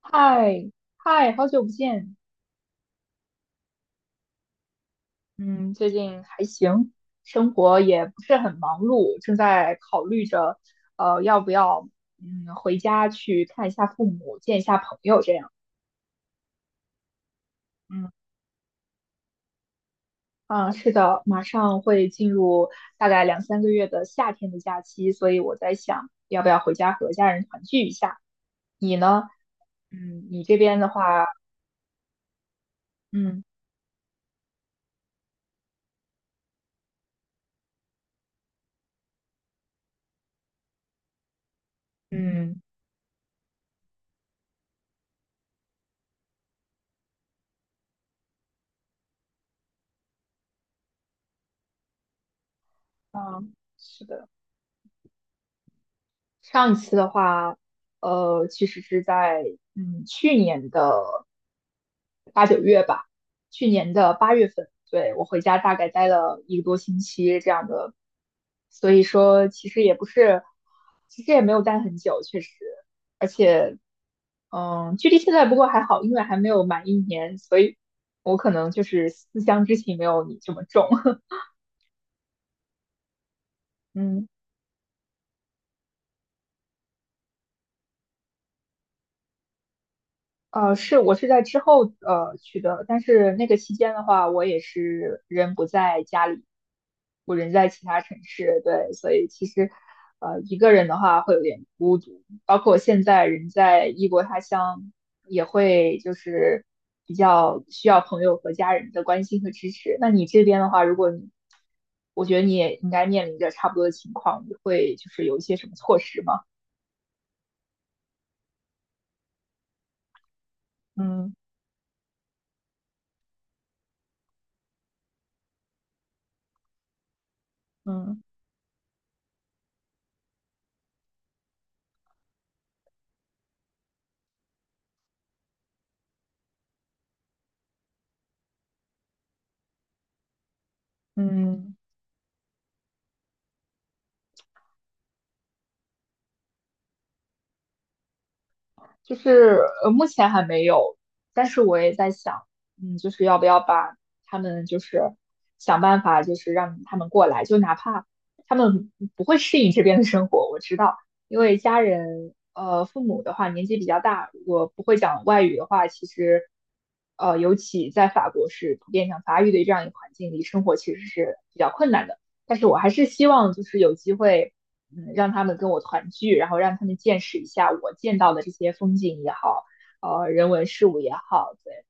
嗨嗨，好久不见。嗯，最近还行，生活也不是很忙碌，正在考虑着，要不要回家去看一下父母，见一下朋友这样。嗯啊，是的，马上会进入大概两三个月的夏天的假期，所以我在想，要不要回家和家人团聚一下。你呢？嗯，你这边的话，嗯嗯嗯啊，是的。上一次的话，其实是在嗯去年的去年的8月份，对，我回家大概待了一个多星期这样的，所以说其实也不是，其实也没有待很久，确实，而且距离现在不过还好，因为还没有满一年，所以我可能就是思乡之情没有你这么重，嗯。我是在之后去的，但是那个期间的话，我也是人不在家里，我人在其他城市，对，所以其实一个人的话会有点孤独，包括现在人在异国他乡，也会就是比较需要朋友和家人的关心和支持。那你这边的话，如果你，我觉得你也应该面临着差不多的情况，你会就是有一些什么措施吗？嗯嗯嗯。就是目前还没有，但是我也在想，就是要不要把他们就是想办法，就是让他们过来，就哪怕他们不会适应这边的生活，我知道，因为家人父母的话年纪比较大，如果不会讲外语的话，其实尤其在法国是普遍讲法语的这样一个环境里，生活其实是比较困难的。但是我还是希望就是有机会。让他们跟我团聚，然后让他们见识一下我见到的这些风景也好，人文事物也好，对，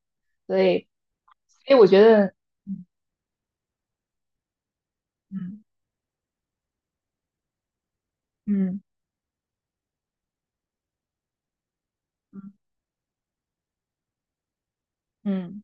所以，我觉得，嗯嗯嗯嗯，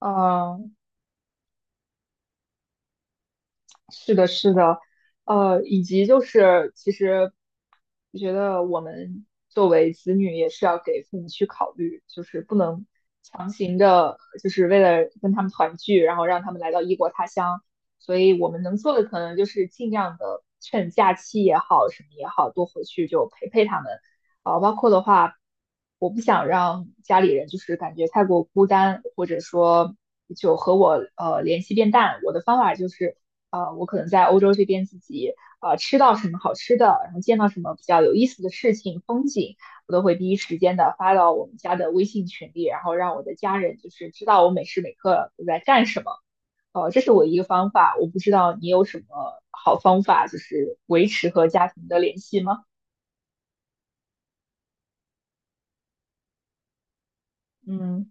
哦、是的，是的，以及就是其实我觉得我们作为子女也是要给父母去考虑，就是不能强行的，就是为了跟他们团聚，然后让他们来到异国他乡。所以我们能做的可能就是尽量的趁假期也好，什么也好，多回去就陪陪他们，啊、包括的话，我不想让家里人就是感觉太过孤单，或者说就和我联系变淡。我的方法就是，我可能在欧洲这边自己吃到什么好吃的，然后见到什么比较有意思的事情、风景，我都会第一时间的发到我们家的微信群里，然后让我的家人就是知道我每时每刻都在干什么。这是我一个方法，我不知道你有什么好方法，就是维持和家庭的联系吗？嗯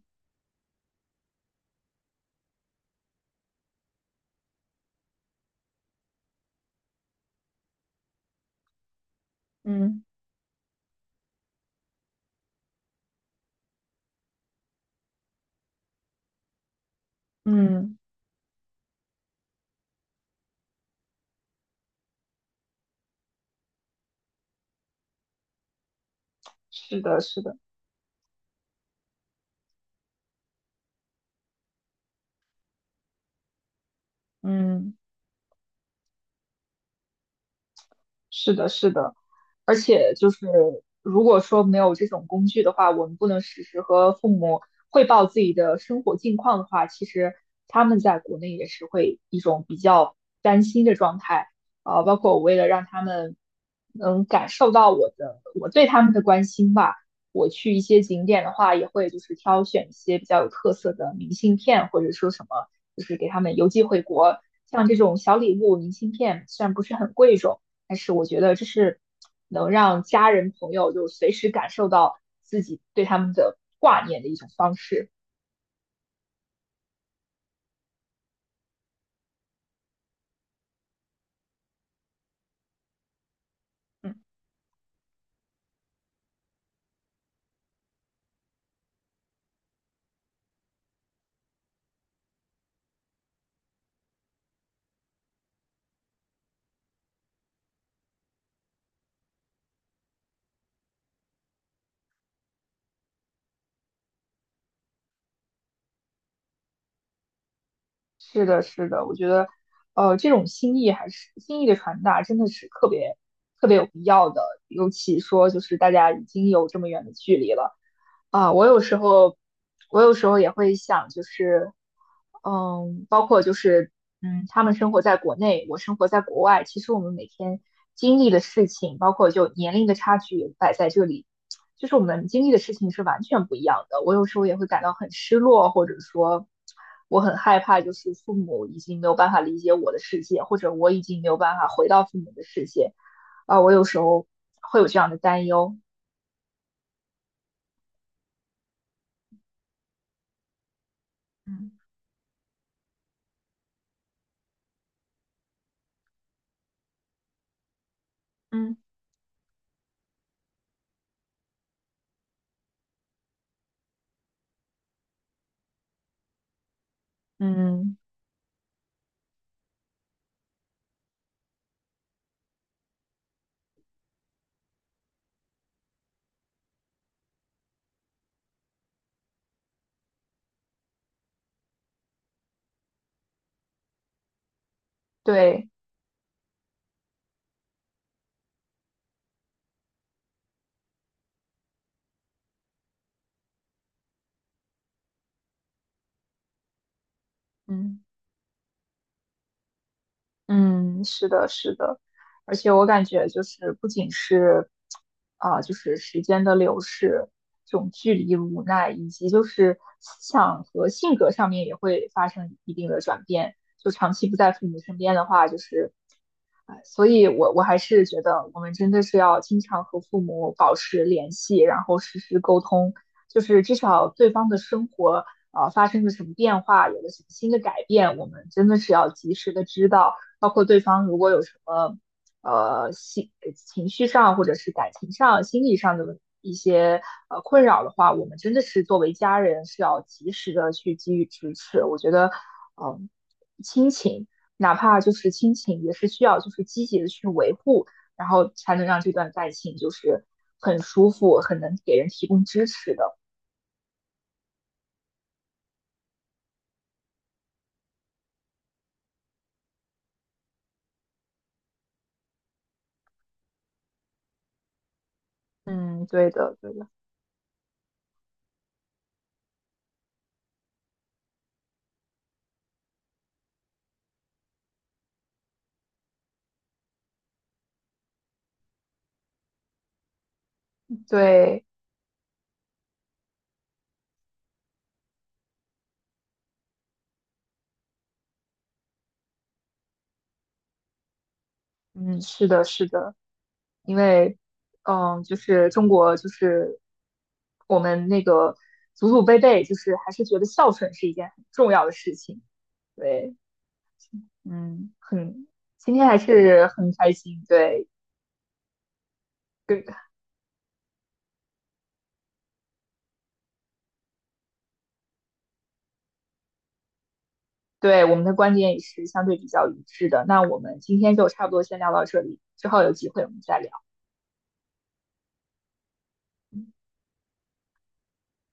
嗯。嗯嗯。是的，是的，嗯，是的，是的。而且就是如果说没有这种工具的话，我们不能实时和父母汇报自己的生活近况的话，其实他们在国内也是会一种比较担心的状态啊、包括我为了让他们能感受到我对他们的关心吧，我去一些景点的话，也会就是挑选一些比较有特色的明信片，或者说什么，就是给他们邮寄回国。像这种小礼物、明信片，虽然不是很贵重，但是我觉得这是能让家人朋友就随时感受到自己对他们的挂念的一种方式。嗯，是的，是的，我觉得，这种心意还是心意的传达，真的是特别特别有必要的。尤其说就是大家已经有这么远的距离了，啊，我有时候也会想，就是，包括就是，他们生活在国内，我生活在国外，其实我们每天经历的事情，包括就年龄的差距也摆在这里，就是我们经历的事情是完全不一样的。我有时候也会感到很失落，或者说我很害怕，就是父母已经没有办法理解我的世界，或者我已经没有办法回到父母的世界，啊，我有时候会有这样的担忧。嗯嗯。嗯。对，嗯。嗯，是的，是的，而且我感觉就是不仅是啊、就是时间的流逝，这种距离无奈，以及就是思想和性格上面也会发生一定的转变。就长期不在父母身边的话，就是，哎，所以我还是觉得我们真的是要经常和父母保持联系，然后实时沟通，就是至少对方的生活啊、发生了什么变化，有了什么新的改变，我们真的是要及时的知道。包括对方如果有什么呃心情绪上或者是感情上、心理上的一些困扰的话，我们真的是作为家人是要及时的去给予支持。我觉得，嗯、亲情哪怕就是亲情，也是需要就是积极的去维护，然后才能让这段感情就是很舒服，很能给人提供支持的。嗯，对的，对的，对。嗯，是的，是的，因为，就是中国，就是我们那个祖祖辈辈，就是还是觉得孝顺是一件很重要的事情。对，嗯，今天还是很开心，对，对对，我们的观点也是相对比较一致的。那我们今天就差不多先聊到这里，之后有机会我们再聊。嗯，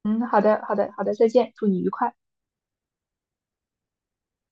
嗯好的，好的，好的，再见，祝你愉快。